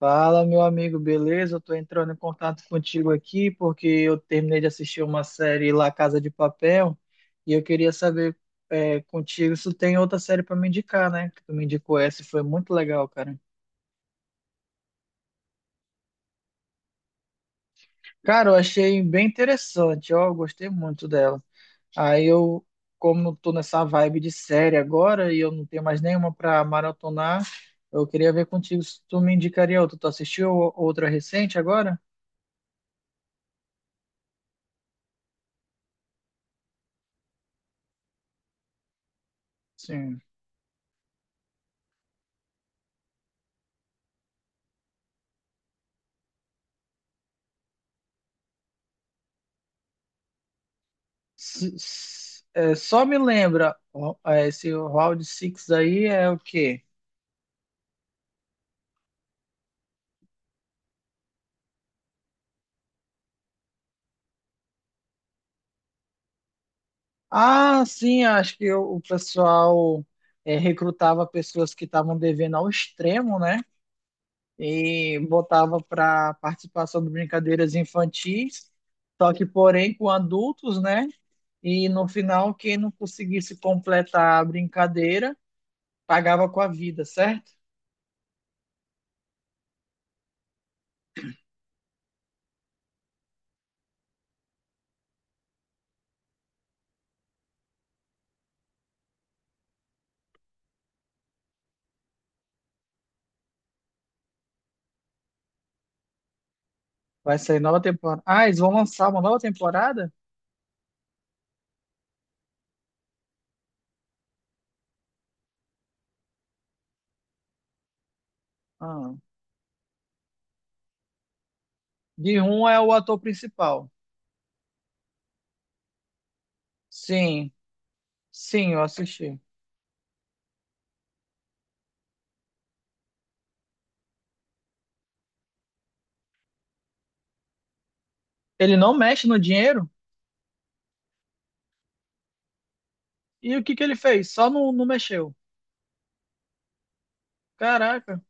Fala, meu amigo, beleza? Eu tô entrando em contato contigo aqui porque eu terminei de assistir uma série La Casa de Papel e eu queria saber contigo se tu tem outra série para me indicar, né? Que tu me indicou essa e foi muito legal, cara. Cara, eu achei bem interessante, ó, eu gostei muito dela. Aí eu, Como eu tô nessa vibe de série agora e eu não tenho mais nenhuma para maratonar, eu queria ver contigo se tu me indicaria outra. Tu assistiu outra recente agora? Sim. Só me lembra, ó, esse Round Six aí é o quê? Ah, sim, acho que o pessoal recrutava pessoas que estavam devendo ao extremo, né? E botava para participar sobre brincadeiras infantis, só que, porém, com adultos, né? E no final, quem não conseguisse completar a brincadeira pagava com a vida, certo? Vai sair nova temporada. Ah, eles vão lançar uma nova temporada? Ah. De rum é o ator principal. Sim, sim, eu assisti. Ele não mexe no dinheiro? E o que que ele fez? Só não, não mexeu. Caraca.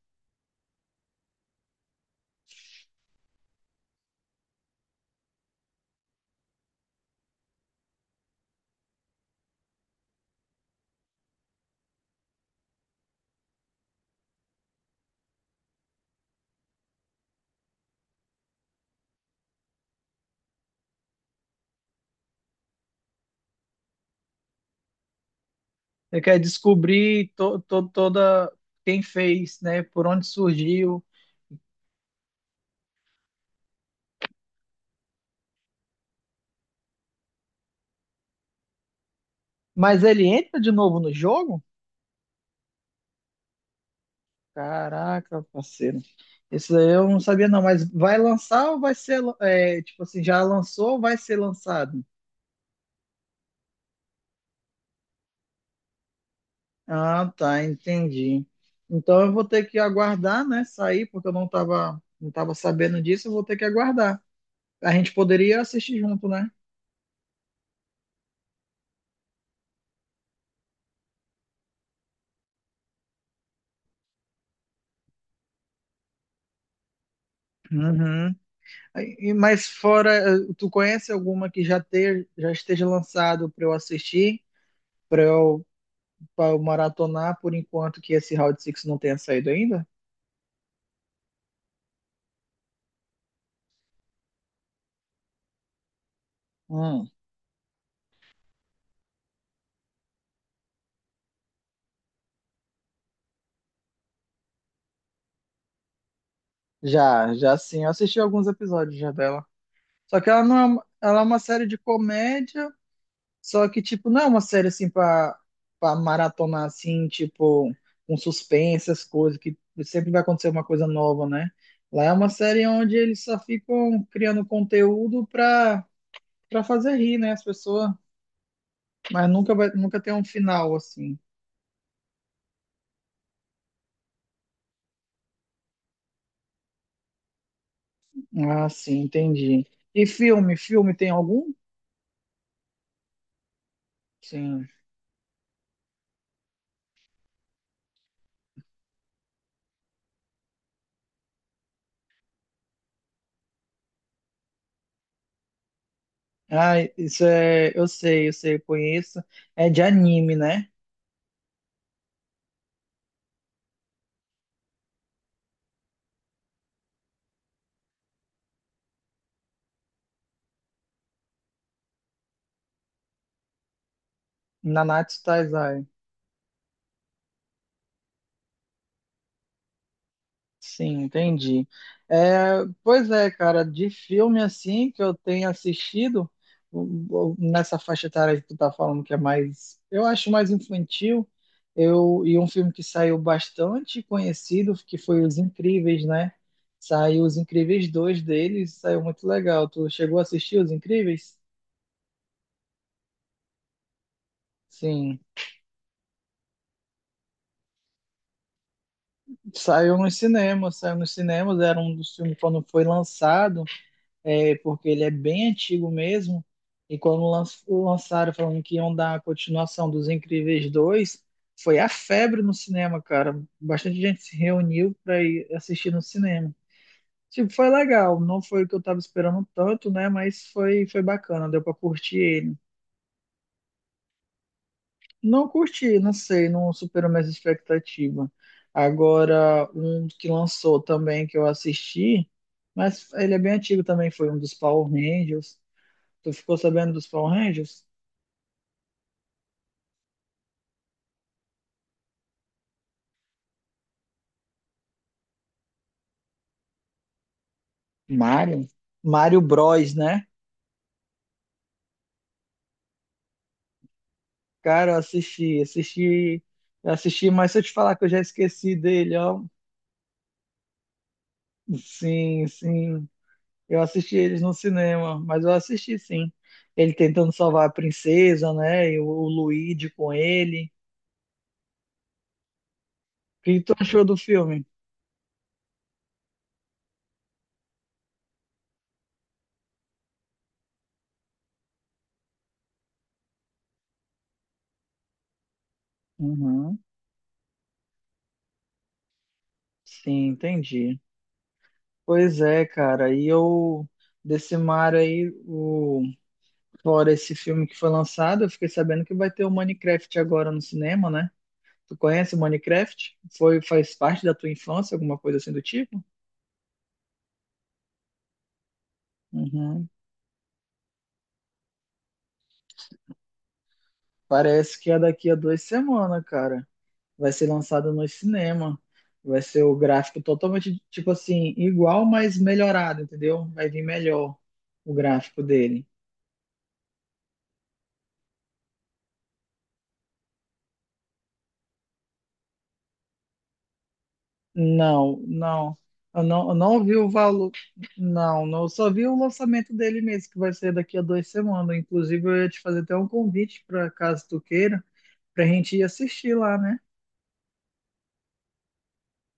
Ele quer descobrir toda quem fez, né? Por onde surgiu. Mas ele entra de novo no jogo? Caraca, parceiro. Isso aí eu não sabia não, mas vai lançar ou vai ser, tipo assim, já lançou ou vai ser lançado? Ah, tá, entendi. Então eu vou ter que aguardar, né, sair, porque eu não tava sabendo disso, eu vou ter que aguardar. A gente poderia assistir junto, né? Uhum. Mas fora, tu conhece alguma que já esteja lançado para eu assistir, para eu, pra eu maratonar, por enquanto que esse Round Six não tenha saído ainda? Hum, já, já, sim. Eu assisti alguns episódios já dela. Só que ela não é, ela é uma série de comédia. Só que, tipo, não é uma série assim pra maratonar assim, tipo, um suspense, as coisas, que sempre vai acontecer uma coisa nova, né? Lá é uma série onde eles só ficam criando conteúdo pra fazer rir, né, as pessoas, mas nunca vai, nunca tem um final assim. Ah, sim, entendi. E filme, filme tem algum? Sim. Ah, isso é, eu sei, eu sei, eu conheço. É de anime, né? Nanatsu Taizai. Sim, entendi. É, pois é, cara, de filme assim que eu tenho assistido, nessa faixa etária que tu tá falando que é mais, eu acho mais infantil, e um filme que saiu bastante conhecido, que foi Os Incríveis, né? Saiu Os Incríveis dois deles, saiu muito legal. Tu chegou a assistir Os Incríveis? Sim, saiu nos cinemas, era um dos filmes quando foi lançado, porque ele é bem antigo mesmo. E quando lançaram falando que iam dar a continuação dos Incríveis 2 foi a febre no cinema, cara. Bastante gente se reuniu para ir assistir no cinema. Tipo, foi legal, não foi o que eu tava esperando tanto, né? Mas foi bacana, deu para curtir ele. Não curti, não sei, não superou minhas expectativas. Agora, um que lançou também que eu assisti, mas ele é bem antigo também, foi um dos Power Rangers. Tu ficou sabendo dos Power Rangers? Mario? Mario Bros, né? Cara, eu assisti, mas se eu te falar que eu já esqueci dele, ó. Sim, sim. Eu assisti eles no cinema, mas eu assisti sim. Ele tentando salvar a princesa, né? E o Luigi com ele. O que tu achou do filme? Uhum. Sim, entendi. Pois é, cara. E eu, desse Mario aí, o. Fora esse filme que foi lançado, eu fiquei sabendo que vai ter o Minecraft agora no cinema, né? Tu conhece o Minecraft? Foi, faz parte da tua infância, alguma coisa assim do tipo? Uhum. Parece que é daqui a 2 semanas, cara. Vai ser lançado no cinema. Vai ser o gráfico totalmente, tipo assim, igual, mas melhorado, entendeu? Vai vir melhor o gráfico dele. Não, não. Eu não vi o valor. Não, não. Eu só vi o lançamento dele mesmo, que vai ser daqui a 2 semanas. Inclusive, eu ia te fazer até um convite para caso tu queira, pra gente ir assistir lá, né?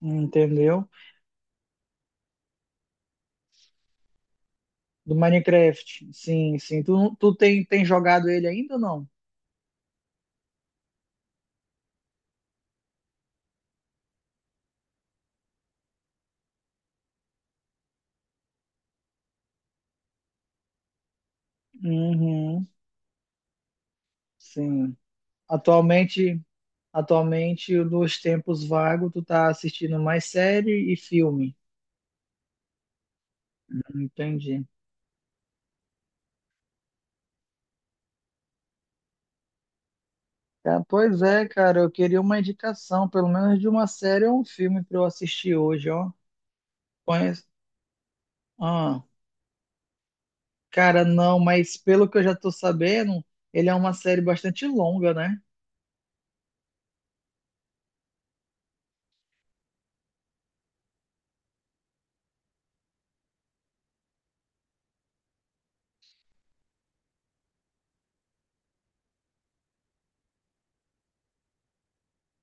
Entendeu? Do Minecraft. Sim, sim. Tu, não- tu tem jogado ele ainda ou não? Uhum, sim. Atualmente, atualmente, nos tempos vagos, tu tá assistindo mais série e filme. Entendi. Cara, pois é, cara, eu queria uma indicação, pelo menos de uma série ou um filme pra eu assistir hoje, ó. Conheço. Ah, cara, não, mas pelo que eu já tô sabendo, ele é uma série bastante longa, né?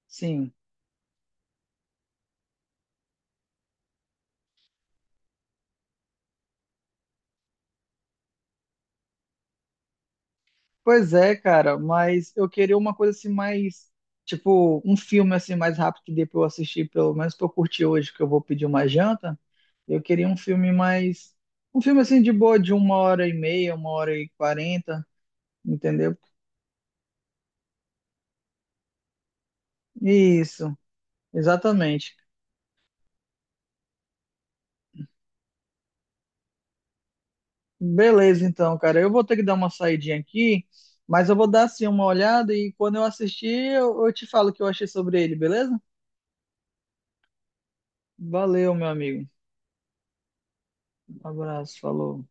Sim. Pois é, cara, mas eu queria uma coisa assim mais, tipo, um filme assim mais rápido que dê pra eu assistir, pelo menos pra eu curtir hoje, que eu vou pedir uma janta. Eu queria um filme assim de boa, de 1 hora e meia, 1 hora e quarenta, entendeu? Isso, exatamente. Beleza, então, cara. Eu vou ter que dar uma saidinha aqui, mas eu vou dar assim uma olhada e quando eu assistir, eu te falo o que eu achei sobre ele, beleza? Valeu, meu amigo. Um abraço, falou.